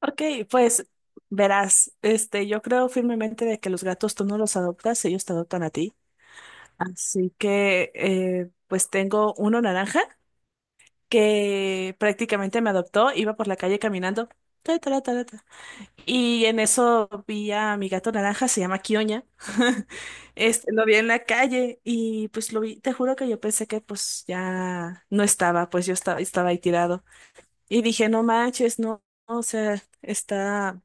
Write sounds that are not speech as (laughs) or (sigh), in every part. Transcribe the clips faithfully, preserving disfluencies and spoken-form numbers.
Ok, pues verás, este, yo creo firmemente de que los gatos tú no los adoptas, ellos te adoptan a ti. Así que, eh, pues tengo uno naranja que prácticamente me adoptó, iba por la calle caminando. Ta, ta, ta, ta. Y en eso vi a mi gato naranja, se llama Kioña. (laughs) Este, lo vi en la calle y pues lo vi, te juro que yo pensé que pues ya no estaba, pues yo estaba, estaba ahí tirado. Y dije, no manches, no, o sea, está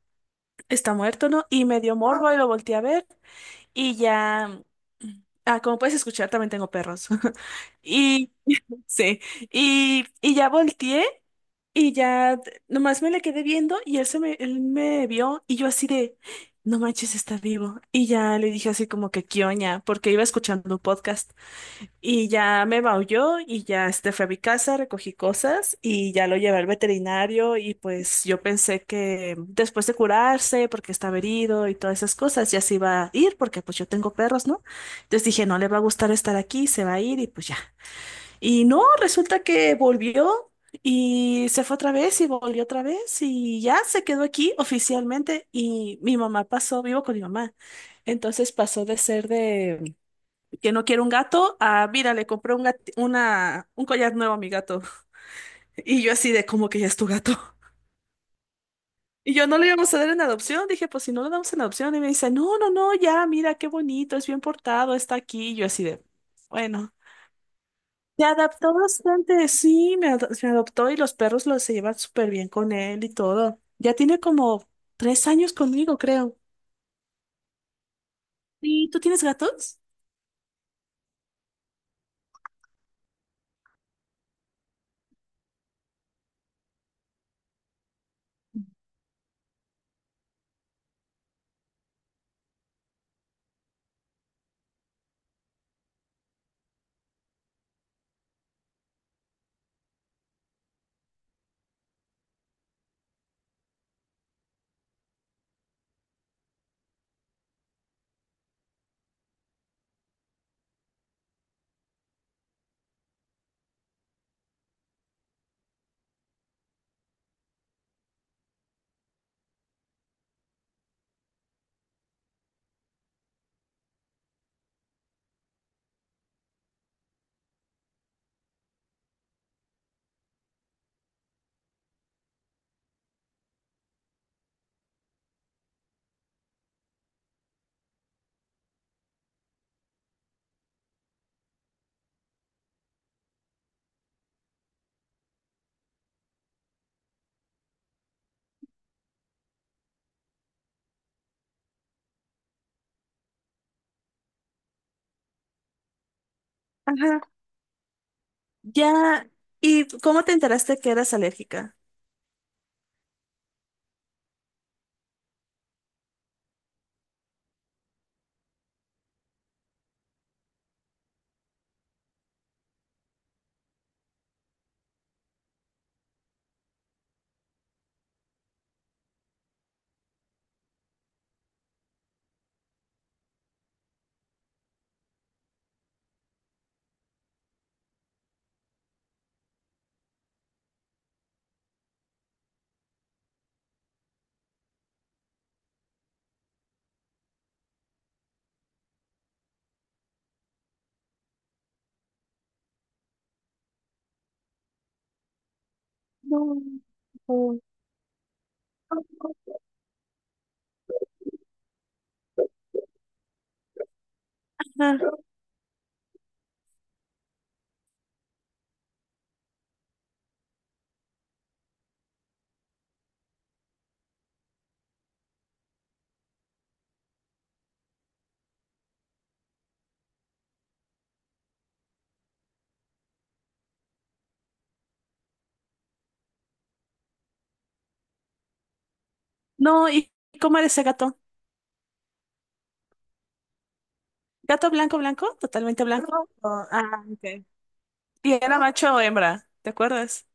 está muerto, ¿no? Y me dio morbo y lo volteé a ver y ya... mm, Ah, como puedes escuchar, también tengo perros. (laughs) Y sí, y, y ya volteé y ya t- nomás me le quedé viendo y él, se me, él me vio y yo así de, no manches, está vivo. Y ya le dije así como que quioña, porque iba escuchando un podcast. Y ya me maulló y ya este fui a mi casa, recogí cosas y ya lo llevé al veterinario y pues yo pensé que después de curarse, porque estaba herido y todas esas cosas, ya se iba a ir porque pues yo tengo perros, ¿no? Entonces dije, no le va a gustar estar aquí, se va a ir y pues ya. Y no, resulta que volvió y se fue otra vez y volvió otra vez y ya se quedó aquí oficialmente y mi mamá pasó, vivo con mi mamá. Entonces pasó de ser de que no quiere un gato, ah, mira, le compré un, gati- una, un collar nuevo a mi gato. (laughs) Y yo así de, ¿cómo que ya es tu gato? (laughs) Y yo no le íbamos a dar en adopción, dije, pues si no lo damos en adopción, y me dice, no, no, no, ya, mira, qué bonito, es bien portado, está aquí. Y yo así de, bueno, se adaptó bastante, sí, me, ado- me adoptó y los perros los se llevan súper bien con él y todo. Ya tiene como tres años conmigo, creo. ¿Y tú tienes gatos? Ajá. Ya, ¿y cómo te enteraste que eras alérgica? No, no. Ah, no, ¿y cómo era ese gato? ¿Gato blanco, blanco? ¿Totalmente blanco? No, O- ah, ok. ¿Y era no, macho o hembra? ¿Te acuerdas?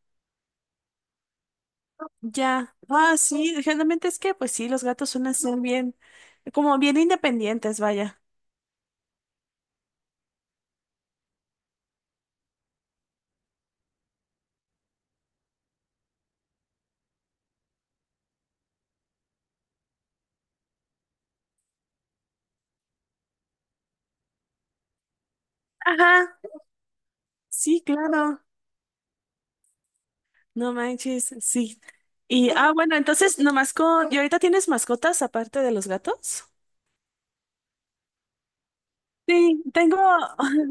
Ya. Ah, sí, generalmente es que, pues sí, los gatos suelen ser bien, como bien independientes, vaya. Ajá. Sí, claro. No manches, sí. Y, ah, bueno, entonces, nomás con... ¿Y ahorita tienes mascotas aparte de los gatos? Sí, tengo. (laughs)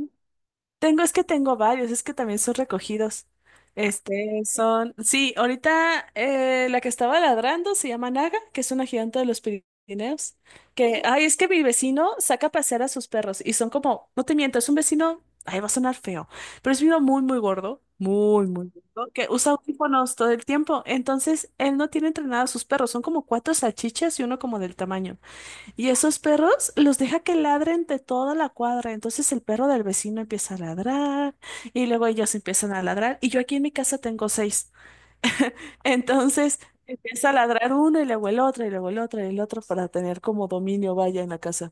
Tengo, es que tengo varios, es que también son recogidos. Este, son, sí, ahorita eh, la que estaba ladrando se llama Naga, que es una gigante de los Pirineos, que, ay, es que mi vecino saca a pasear a sus perros y son como, no te miento, es un vecino, ay, va a sonar feo, pero es uno muy, muy gordo, muy, muy gordo, que usa audífonos todo el tiempo, entonces él no tiene entrenado a sus perros, son como cuatro salchichas y uno como del tamaño. Y esos perros los deja que ladren de toda la cuadra. Entonces el perro del vecino empieza a ladrar y luego ellos empiezan a ladrar. Y yo aquí en mi casa tengo seis. Entonces empieza a ladrar uno y luego el otro y luego el otro y el otro para tener como dominio vaya en la casa.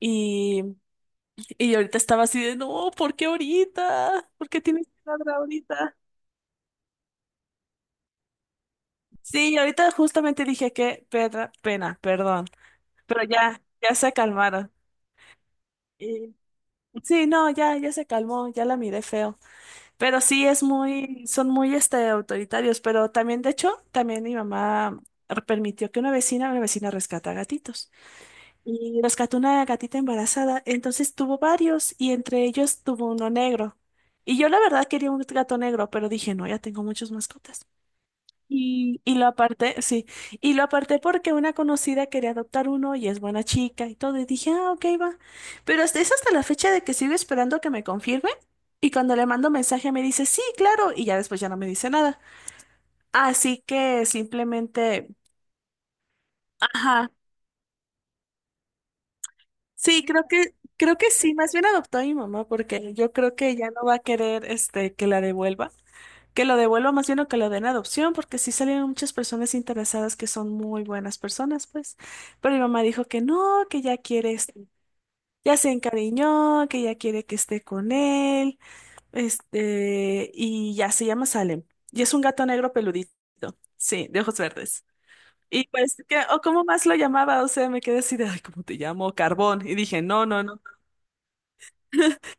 Y, y yo ahorita estaba así de, no, ¿por qué ahorita? ¿Por qué tienes que ladrar ahorita? Sí, y ahorita justamente dije que pedra, pena, perdón. Pero ya, ya se calmaron. Y- Sí, no, ya, ya se calmó, ya la miré feo. Pero sí es muy, son muy este, autoritarios, pero también, de hecho, también mi mamá permitió que una vecina, una vecina rescata gatitos. Y rescató una gatita embarazada, entonces tuvo varios y entre ellos tuvo uno negro. Y yo la verdad quería un gato negro, pero dije, no, ya tengo muchas mascotas. Y, y lo aparté, sí, y lo aparté porque una conocida quería adoptar uno y es buena chica y todo, y dije, ah, ok, va. Pero hasta- es hasta la fecha de que sigo esperando que me confirme, y cuando le mando mensaje me dice, sí, claro, y ya después ya no me dice nada. Así que simplemente, ajá, sí, creo que, creo que sí, más bien adoptó a mi mamá porque yo creo que ya no va a querer, este, que la devuelva. Que lo devuelva más bien o que lo den a adopción, porque sí salieron muchas personas interesadas que son muy buenas personas, pues. Pero mi mamá dijo que no, que ya quiere, este- ya se encariñó, que ya quiere que esté con él, este, y ya se llama Salem. Y es un gato negro peludito, sí, de ojos verdes. Y pues, que, o cómo más lo llamaba, o sea, me quedé así de, ay, ¿cómo te llamo? Carbón. Y dije, no, no, no.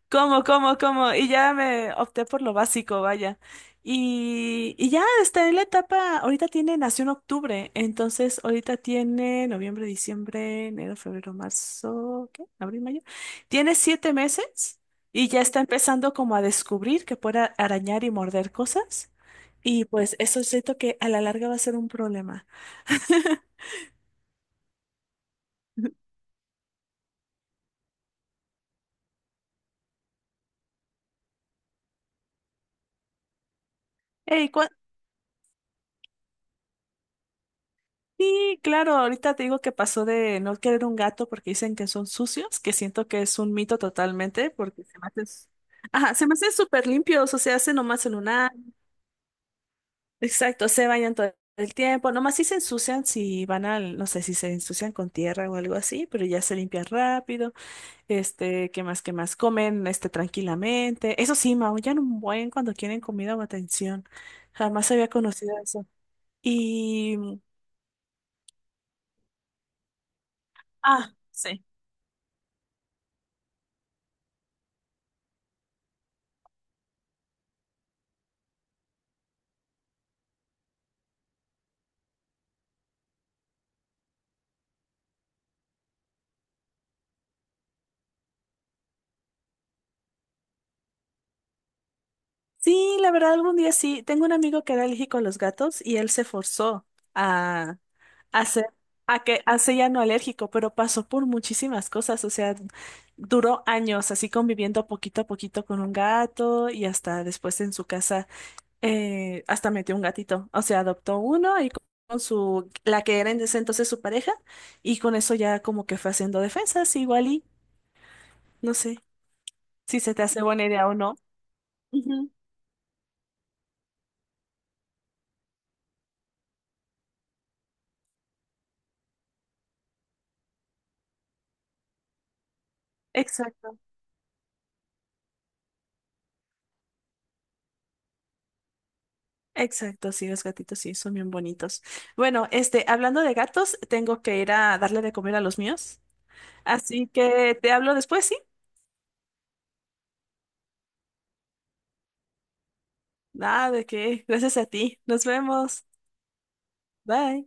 ¿Cómo, cómo, cómo? Y ya me opté por lo básico, vaya. Y, y ya está en la etapa, ahorita tiene, nació en octubre, entonces ahorita tiene noviembre, diciembre, enero, febrero, marzo, ¿qué? Abril, mayo. Tiene siete meses y ya está empezando como a descubrir que puede arañar y morder cosas. Y pues eso siento que a la larga va a ser un problema. (laughs) Ey, sí, claro, ahorita te digo que pasó de no querer un gato porque dicen que son sucios, que siento que es un mito totalmente, porque se me hacen, s- ajá, se me hacen súper limpios, o sea, hacen nomás en una, exacto, se bañan todo el tiempo, nomás sí se ensucian si van al, no sé, si se ensucian con tierra o algo así, pero ya se limpian rápido, este, qué más, qué más, comen, este, tranquilamente, eso sí, maullan un buen cuando quieren comida o atención, jamás había conocido eso, y, ah, sí. Sí, la verdad, algún día sí. Tengo un amigo que era alérgico a los gatos y él se forzó a hacer, a que, hace ya no alérgico, pero pasó por muchísimas cosas. O sea, duró años así conviviendo poquito a poquito con un gato y hasta después en su casa, eh, hasta metió un gatito. O sea, adoptó uno y con su, la que era en ese entonces su pareja, y con eso ya como que fue haciendo defensas, igual y no sé si se te hace buena idea o no. Ujú, exacto. Exacto, sí, los gatitos sí, son bien bonitos. Bueno, este, hablando de gatos, tengo que ir a darle de comer a los míos. Así que te hablo después, ¿sí? Nada de qué. Gracias a ti. Nos vemos. Bye.